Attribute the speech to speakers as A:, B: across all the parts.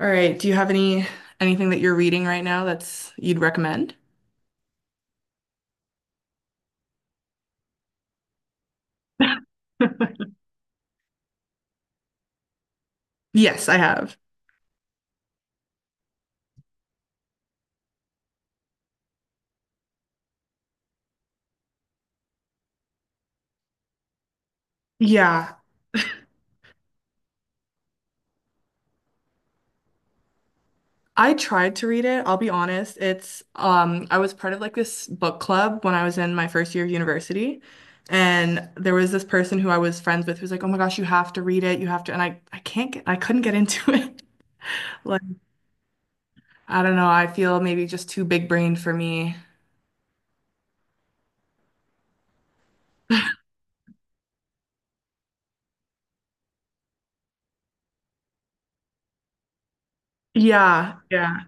A: All right. Do you have anything that you're reading right now that's you'd recommend? Yes, I have. Yeah, I tried to read it. I'll be honest. It's I was part of like this book club when I was in my first year of university. And there was this person who I was friends with who's like, "Oh my gosh, you have to read it. You have to." And I couldn't get into it. Like, I don't know. I feel maybe just too big brained for me. Yeah, yeah.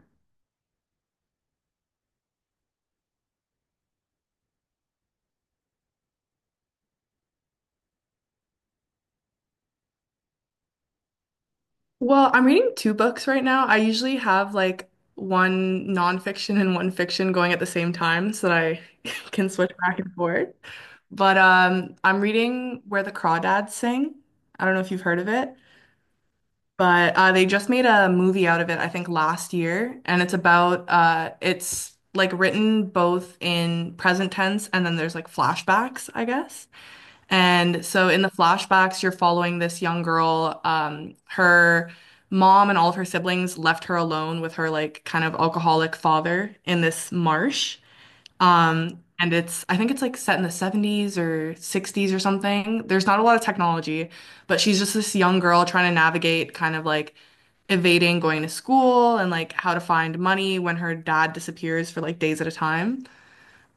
A: Well, I'm reading two books right now. I usually have like one nonfiction and one fiction going at the same time so that I can switch back and forth. But I'm reading Where the Crawdads Sing. I don't know if you've heard of it, but they just made a movie out of it, I think, last year. And it's like written both in present tense and then there's like flashbacks, I guess. And so in the flashbacks, you're following this young girl. Her mom and all of her siblings left her alone with her like kind of alcoholic father in this marsh. And it's I think it's like set in the 70s or 60s or something. There's not a lot of technology, but she's just this young girl trying to navigate kind of like evading going to school and like how to find money when her dad disappears for like days at a time.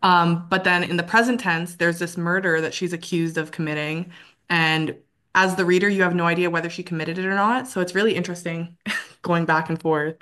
A: But then in the present tense, there's this murder that she's accused of committing. And as the reader, you have no idea whether she committed it or not. So it's really interesting going back and forth.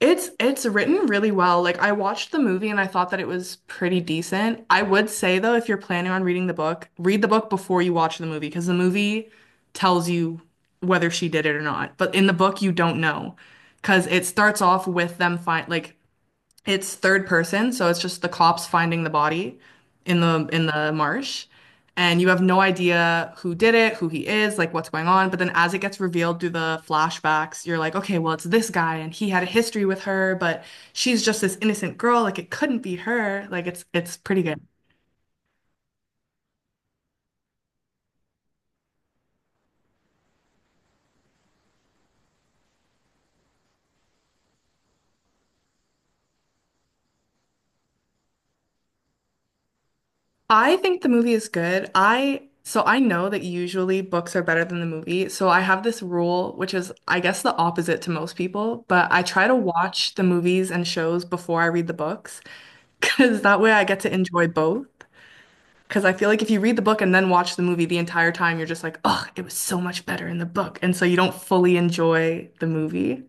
A: It's written really well. Like I watched the movie and I thought that it was pretty decent. I would say though, if you're planning on reading the book, read the book before you watch the movie because the movie tells you whether she did it or not. But in the book, you don't know because it starts off with them find like It's third person, so it's just the cops finding the body in the marsh, and you have no idea who did it, who he is, like what's going on. But then as it gets revealed through the flashbacks, you're like, okay, well, it's this guy, and he had a history with her, but she's just this innocent girl, like it couldn't be her. Like it's pretty good. I think the movie is good. I So I know that usually books are better than the movie. So I have this rule, which is I guess the opposite to most people, but I try to watch the movies and shows before I read the books because that way I get to enjoy both. Because I feel like if you read the book and then watch the movie the entire time, you're just like, oh, it was so much better in the book. And so you don't fully enjoy the movie.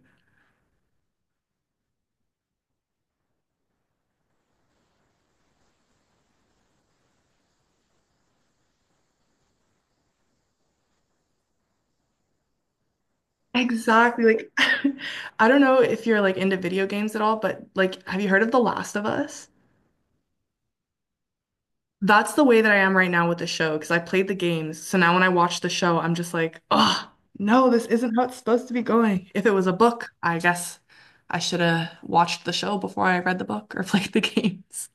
A: Exactly. Like, I don't know if you're like into video games at all, but like, have you heard of The Last of Us? That's the way that I am right now with the show because I played the games. So now when I watch the show, I'm just like, oh, no, this isn't how it's supposed to be going. If it was a book, I guess I should have watched the show before I read the book or played the games.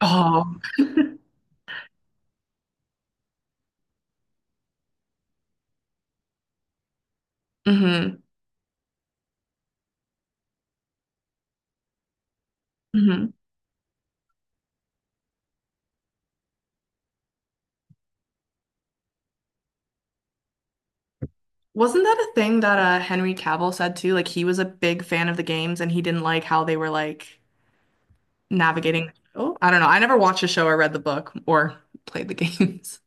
A: Oh. Hmm, hmm. Wasn't that a thing that Henry Cavill said too? Like he was a big fan of the games and he didn't like how they were like navigating the show. I don't know. I never watched the show or read the book or played the games.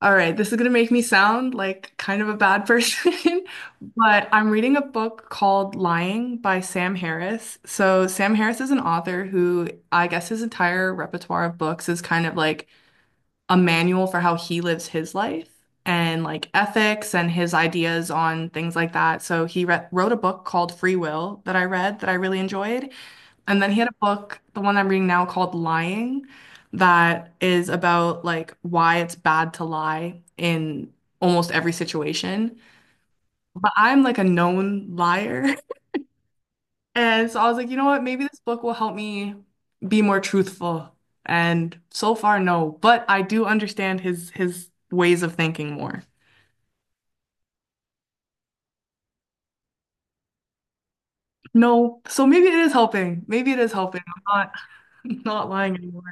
A: All right, this is going to make me sound like kind of a bad person, but I'm reading a book called Lying by Sam Harris. So, Sam Harris is an author who I guess his entire repertoire of books is kind of like a manual for how he lives his life and like ethics and his ideas on things like that. So, he re wrote a book called Free Will that I read that I really enjoyed. And then he had a book, the one I'm reading now called Lying, that is about like why it's bad to lie in almost every situation. But I'm like a known liar. And so I was like, you know what? Maybe this book will help me be more truthful. And so far, no. But I do understand his ways of thinking more. No. So maybe it is helping. Maybe it is helping. I'm not not lying anymore.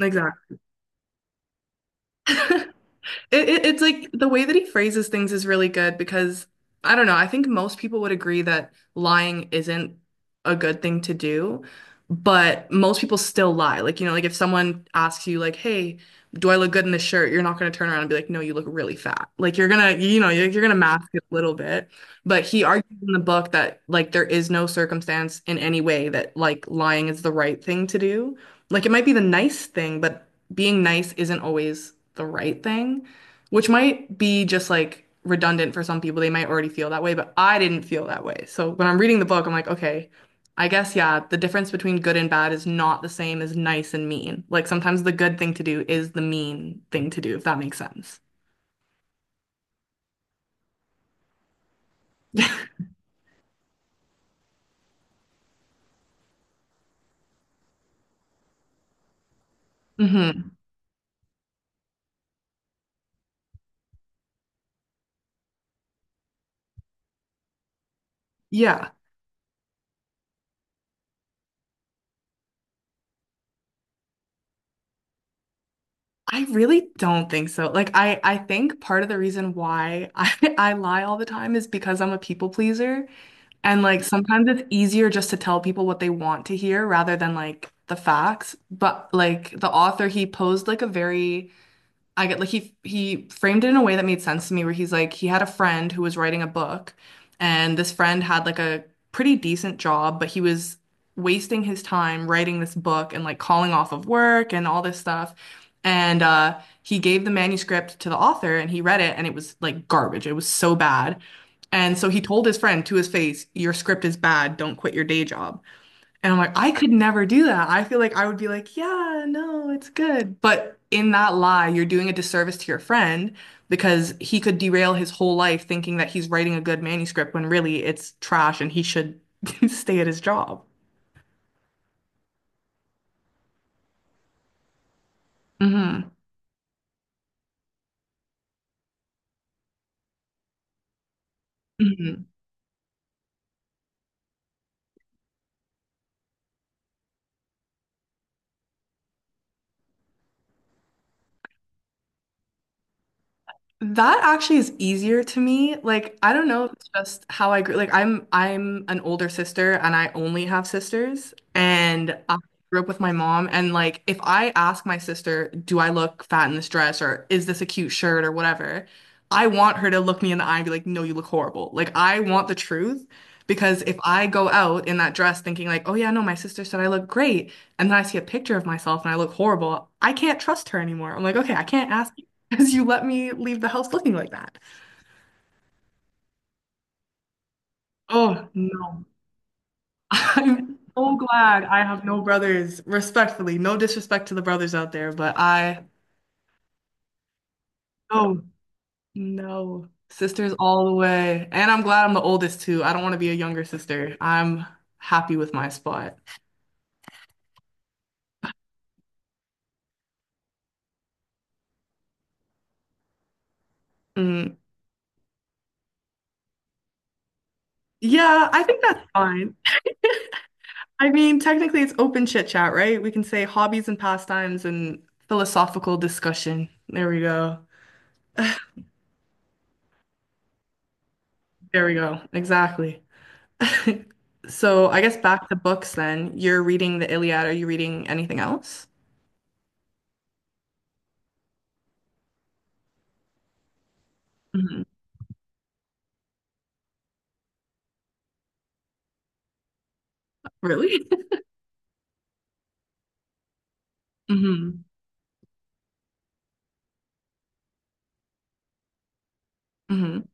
A: Exactly. It's like the way that he phrases things is really good because I don't know. I think most people would agree that lying isn't a good thing to do, but most people still lie. Like, like if someone asks you, like, hey, do I look good in this shirt? You're not going to turn around and be like, no, you look really fat. Like, you're going to, you're going to mask it a little bit. But he argues in the book that, like, there is no circumstance in any way that, like, lying is the right thing to do. Like, it might be the nice thing, but being nice isn't always the right thing, which might be just like redundant for some people. They might already feel that way, but I didn't feel that way. So when I'm reading the book, I'm like, okay, I guess, yeah, the difference between good and bad is not the same as nice and mean. Like sometimes the good thing to do is the mean thing to do, if that makes sense. Hmm. Yeah. I really don't think so. Like I think part of the reason why I I lie all the time is because I'm a people pleaser. And like sometimes it's easier just to tell people what they want to hear rather than like the facts. But like the author, he posed like a very I get like he framed it in a way that made sense to me where he's like he had a friend who was writing a book and this friend had like a pretty decent job but he was wasting his time writing this book and like calling off of work and all this stuff and he gave the manuscript to the author and he read it and it was like garbage, it was so bad, and so he told his friend to his face, your script is bad, don't quit your day job. And I'm like, I could never do that. I feel like I would be like, yeah, no, it's good. But in that lie, you're doing a disservice to your friend because he could derail his whole life thinking that he's writing a good manuscript when really it's trash and he should stay at his job. Hmm. That actually is easier to me. Like, I don't know, it's just how I grew. Like, I'm an older sister and I only have sisters and I grew up with my mom and like if I ask my sister, "Do I look fat in this dress or is this a cute shirt or whatever?" I want her to look me in the eye and be like, "No, you look horrible." Like, I want the truth because if I go out in that dress thinking like, "Oh yeah, no, my sister said I look great," and then I see a picture of myself and I look horrible, I can't trust her anymore. I'm like, "Okay, I can't ask because you let me leave the house looking like that." Oh no. I'm so glad I have no brothers. Respectfully, no disrespect to the brothers out there, but I oh no. Sisters all the way. And I'm glad I'm the oldest too. I don't want to be a younger sister. I'm happy with my spot. Mm. Yeah, I think that's fine. I mean, technically it's open chit chat, right? We can say hobbies and pastimes and philosophical discussion. There we go. There we go. Exactly. So I guess back to books then. You're reading the Iliad. Are you reading anything else? Hmm. Really? Hmm, hmm,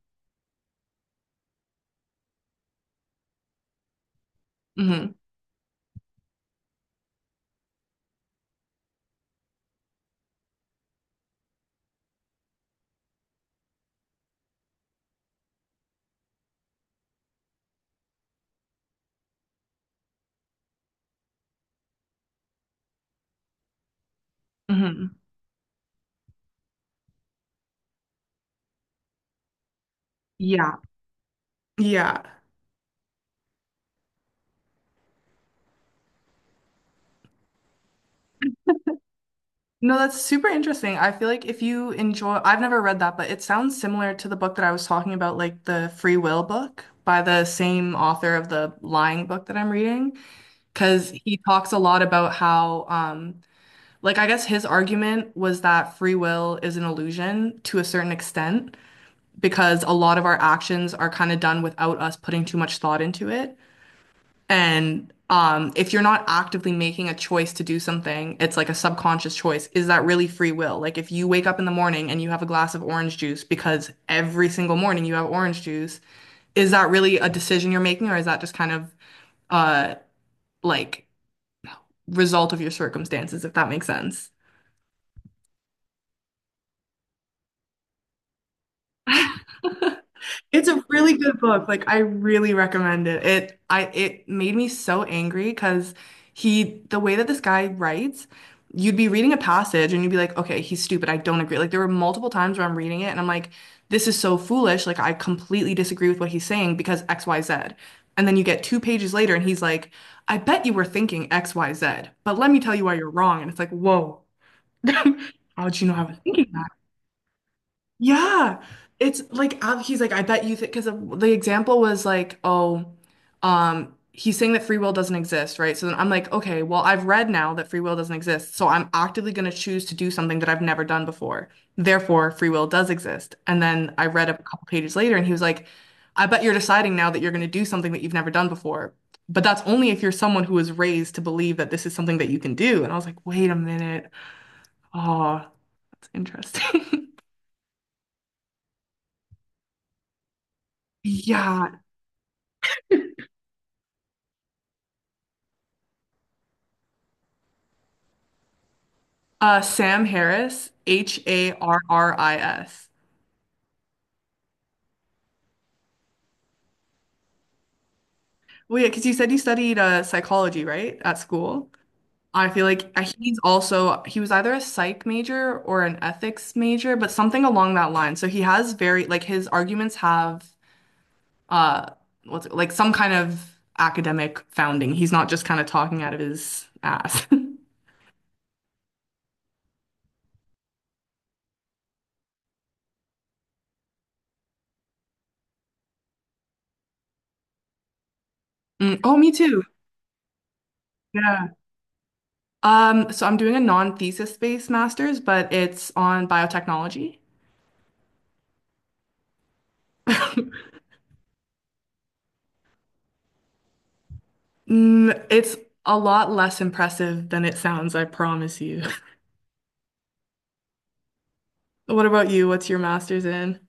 A: hmm, hmm. Yeah. Yeah. No, that's super interesting. I feel like if you enjoy, I've never read that, but it sounds similar to the book that I was talking about, like the Free Will book by the same author of the Lying book that I'm reading, because he talks a lot about how, like, I guess his argument was that free will is an illusion to a certain extent, because a lot of our actions are kind of done without us putting too much thought into it. And if you're not actively making a choice to do something, it's like a subconscious choice. Is that really free will? Like if you wake up in the morning and you have a glass of orange juice because every single morning you have orange juice, is that really a decision you're making, or is that just kind of uh like result of your circumstances, if that makes sense? It's a really good book. Like I really recommend it. It I it made me so angry because he, the way that this guy writes, you'd be reading a passage and you'd be like, okay, he's stupid. I don't agree. Like there were multiple times where I'm reading it and I'm like, this is so foolish. Like I completely disagree with what he's saying because X, Y, Z. And then you get two pages later and he's like, I bet you were thinking X, Y, Z, but let me tell you why you're wrong. And it's like, whoa, how'd you know I was thinking, yeah. It's like he's like, I bet you think, because the example was like, oh, he's saying that free will doesn't exist, right? So then I'm like, okay, well, I've read now that free will doesn't exist, so I'm actively going to choose to do something that I've never done before. Therefore, free will does exist. And then I read a couple pages later, and he was like, I bet you're deciding now that you're going to do something that you've never done before. But that's only if you're someone who was raised to believe that this is something that you can do. And I was like, wait a minute. Oh, that's interesting. Yeah. Sam Harris, H A R R I S. Well, yeah, because you said you studied psychology, right, at school. I feel like he's also, he was either a psych major or an ethics major, but something along that line. So he has very like, his arguments have uh what's it, like some kind of academic founding. He's not just kind of talking out of his ass. Mm, oh, me too. Yeah. So I'm doing a non-thesis based master's, but it's on biotechnology. Mm, it's a lot less impressive than it sounds, I promise you. What about you? What's your master's in?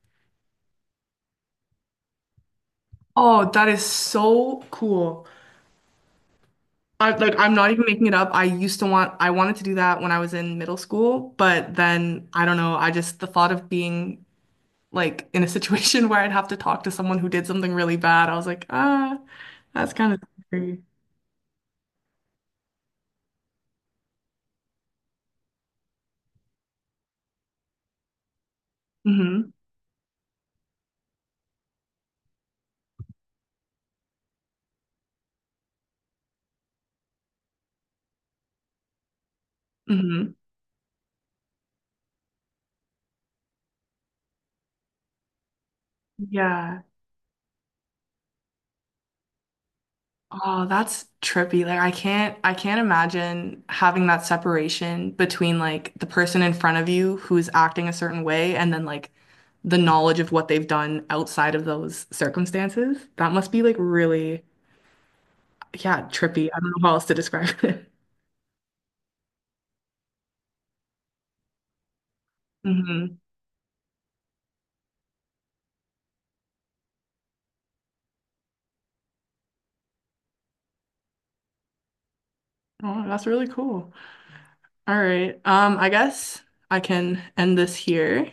A: Oh, that is so cool. I like I'm not even making it up. I wanted to do that when I was in middle school, but then I don't know, I just the thought of being like in a situation where I'd have to talk to someone who did something really bad, I was like, ah, that's kind of scary. Mm-hmm. Mm-hmm. Yeah. Oh, that's trippy. Like I can't imagine having that separation between like the person in front of you who's acting a certain way and then like the knowledge of what they've done outside of those circumstances. That must be like really, yeah, trippy. I don't know how else to describe it. Hmm. Oh, that's really cool. All right. I guess I can end this here.